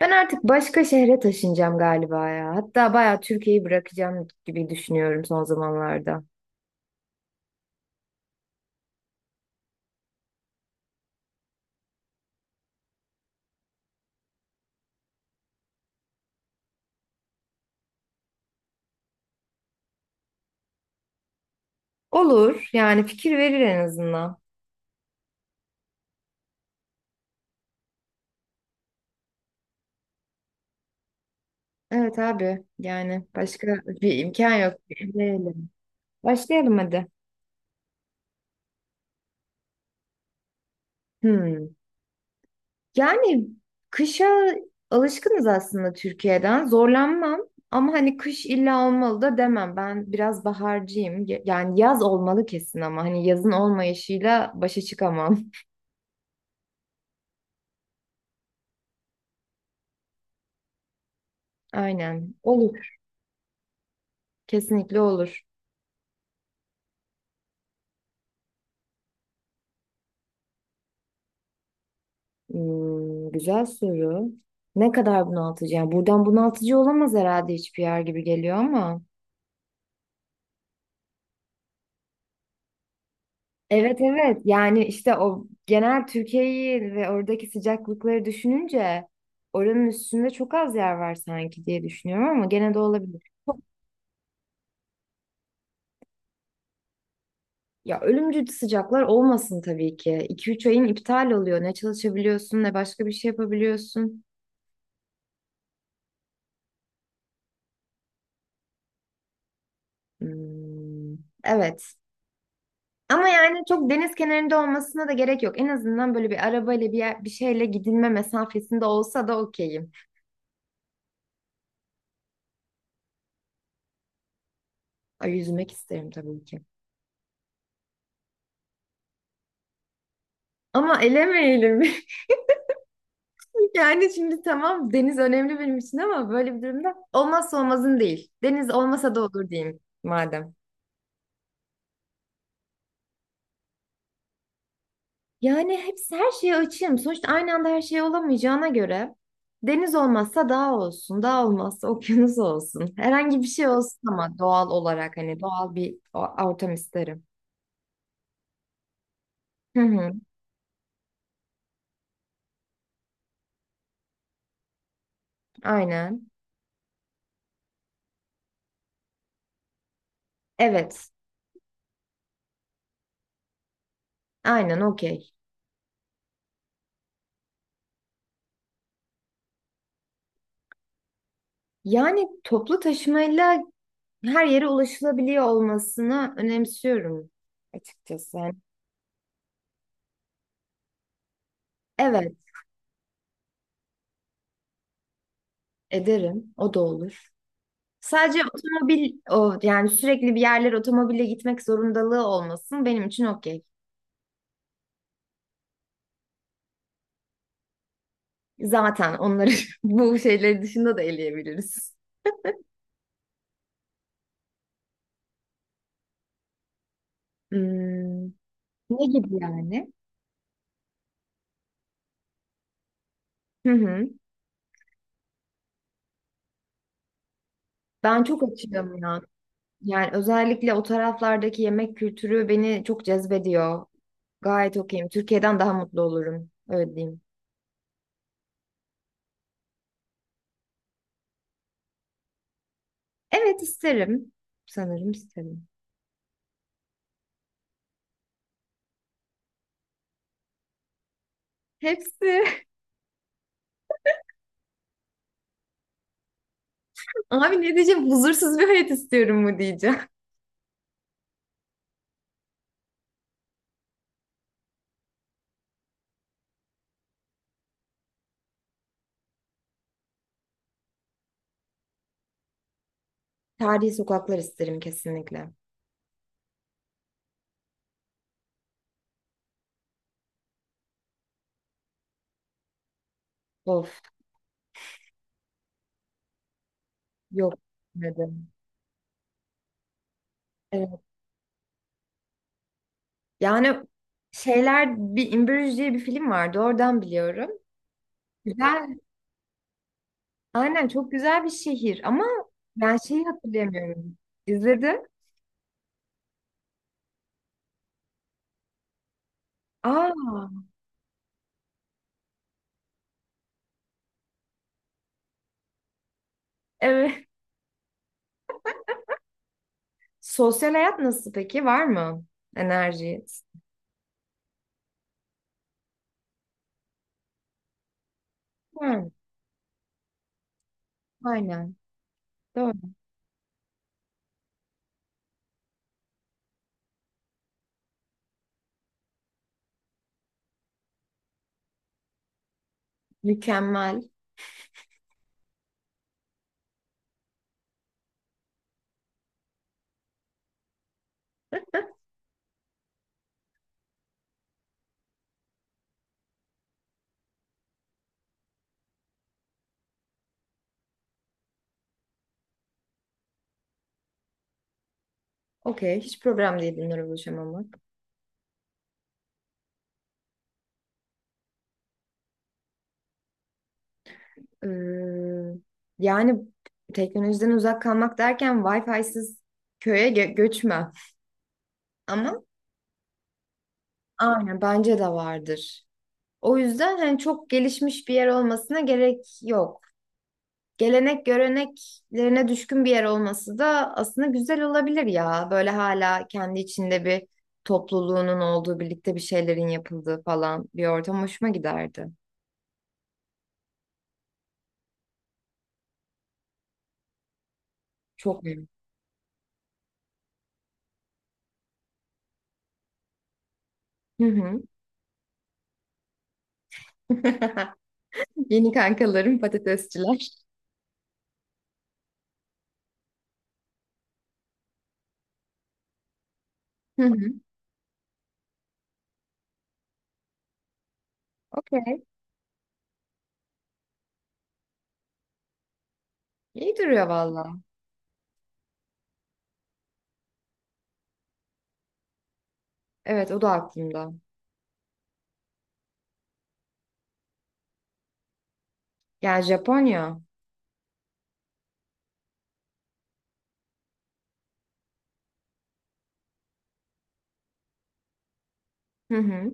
Ben artık başka şehre taşınacağım galiba ya. Hatta bayağı Türkiye'yi bırakacağım gibi düşünüyorum son zamanlarda. Olur yani fikir verir en azından. Evet abi yani başka bir imkan yok. Başlayalım. Başlayalım hadi. Hmm. Yani kışa alışkınız aslında Türkiye'den. Zorlanmam ama hani kış illa olmalı da demem. Ben biraz baharcıyım. Yani yaz olmalı kesin ama hani yazın olmayışıyla başa çıkamam. Aynen. Olur. Kesinlikle olur. Güzel soru. Ne kadar bunaltıcı? Yani buradan bunaltıcı olamaz herhalde hiçbir yer gibi geliyor ama. Evet, evet, yani işte o genel Türkiye'yi ve oradaki sıcaklıkları düşününce oranın üstünde çok az yer var sanki diye düşünüyorum ama gene de olabilir. Çok- Ya ölümcül sıcaklar olmasın tabii ki. 2 üç ayın iptal oluyor. Ne çalışabiliyorsun ne başka bir şey yapabiliyorsun. Hmm, evet. Ama yani çok deniz kenarında olmasına da gerek yok. En azından böyle bir arabayla bir yer, bir şeyle gidilme mesafesinde olsa da okeyim. Ay, yüzmek isterim tabii ki. Ama elemeyelim. Yani şimdi tamam deniz önemli benim için ama böyle bir durumda olmazsa olmazın değil. Deniz olmasa da olur diyeyim madem. Yani hepsi her şeye açığım. Sonuçta aynı anda her şey olamayacağına göre deniz olmazsa dağ olsun, dağ olmazsa okyanus olsun. Herhangi bir şey olsun ama doğal olarak hani doğal bir ortam isterim. Hı hı. Aynen. Evet. Aynen okey. Yani toplu taşımayla her yere ulaşılabiliyor olmasını önemsiyorum açıkçası. Yani evet, ederim. O da olur. Sadece otomobil o yani sürekli bir yerlere otomobille gitmek zorundalığı olmasın benim için okey. Zaten onları bu şeyleri dışında da eleyebiliriz. Hmm, ne gibi yani? Hı hı. Ben çok açığım ya. Yani özellikle o taraflardaki yemek kültürü beni çok cezbediyor. Gayet okeyim. Türkiye'den daha mutlu olurum. Öyle diyeyim. Evet isterim. Sanırım isterim. Hepsi. Abi ne diyeceğim? Huzursuz bir hayat istiyorum mu diyeceğim. Tarihi sokaklar isterim kesinlikle. Of, yok dedim. Evet. Yani şeyler bir İmbirüz diye bir film vardı. Oradan biliyorum. Güzel. Aynen çok güzel bir şehir ama ben şeyi hatırlayamıyorum. İzledim. Aa, evet. Sosyal hayat nasıl peki? Var mı? Enerji. Var mı? Aynen. Doğru. Mükemmel. Okey. Hiç problem değil bunlara ulaşamamak. Ee, yani teknolojiden uzak kalmak derken Wi-Fi'siz köye göçme. Ama aynen bence de vardır. O yüzden hani çok gelişmiş bir yer olmasına gerek yok. Gelenek göreneklerine düşkün bir yer olması da aslında güzel olabilir ya. Böyle hala kendi içinde bir topluluğunun olduğu, birlikte bir şeylerin yapıldığı falan bir ortam hoşuma giderdi. Çok iyi. Hı hı. Yeni kankalarım patatesçiler. Hı hı. Okey. İyi duruyor valla. Evet, o da aklımda. Yani Japonya. Hı hı.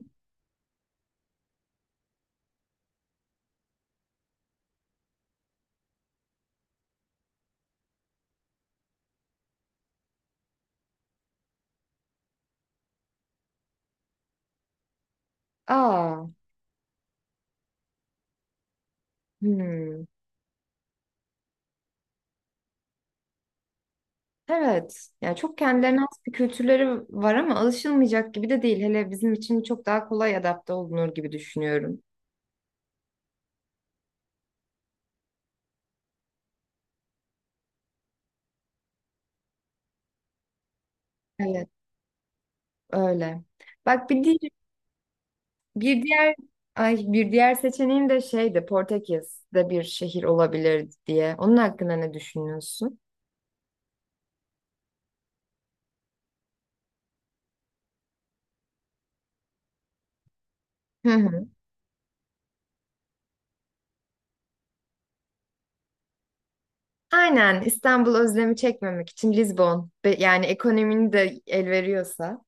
Aa. Hmm. Evet. Yani çok kendilerine has bir kültürleri var ama alışılmayacak gibi de değil. Hele bizim için çok daha kolay adapte olunur gibi düşünüyorum. Evet, öyle. Bak bir di- bir diğer, ay, bir diğer seçeneğim de şeydi, Portekiz'de bir şehir olabilir diye. Onun hakkında ne düşünüyorsun? Aynen İstanbul özlemi çekmemek için Lizbon yani ekonominin de el veriyorsa.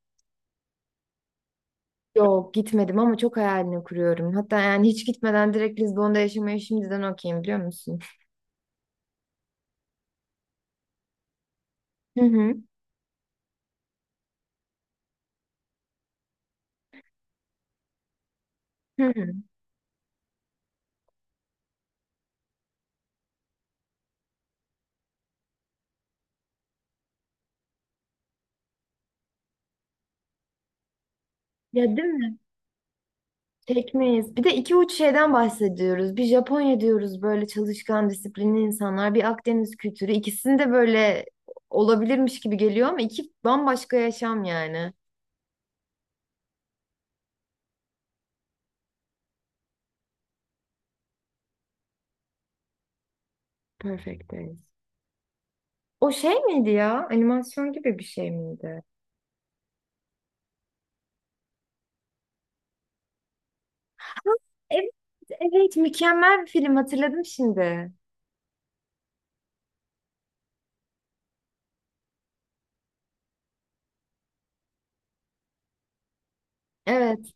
Yok gitmedim ama çok hayalini kuruyorum. Hatta yani hiç gitmeden direkt Lizbon'da yaşamayı şimdiden okeyim biliyor musun? Hı hı. Hı hı. Ya değil mi? Tekmeyiz. Bir de iki uç şeyden bahsediyoruz. Bir Japonya diyoruz böyle çalışkan, disiplinli insanlar. Bir Akdeniz kültürü. İkisinde böyle olabilirmiş gibi geliyor ama iki bambaşka yaşam yani. Perfect Days. O şey miydi ya? Animasyon gibi bir şey miydi? Evet, evet, mükemmel bir film hatırladım şimdi. Evet,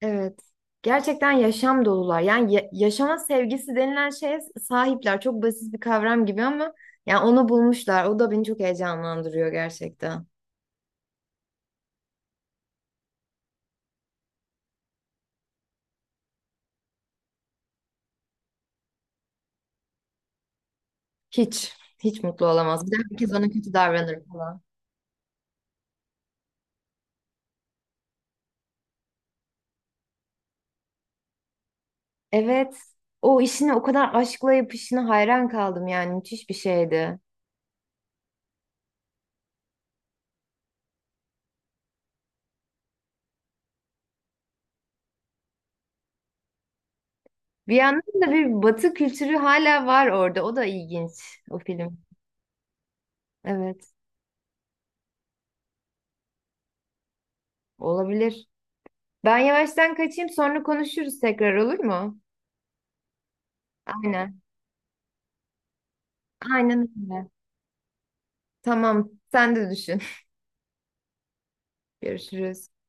evet. Gerçekten yaşam dolular. Yani yaşama sevgisi denilen şeye sahipler. Çok basit bir kavram gibi ama yani onu bulmuşlar. O da beni çok heyecanlandırıyor gerçekten. Hiç, hiç mutlu olamaz. Bir de herkes ona kötü davranır falan. Evet. O işini o kadar aşkla yapışına hayran kaldım yani müthiş bir şeydi. Bir yandan da bir batı kültürü hala var orada. O da ilginç o film. Evet, olabilir. Ben yavaştan kaçayım sonra konuşuruz tekrar olur mu? Aynen. Aynen öyle. Tamam, sen de düşün. Görüşürüz.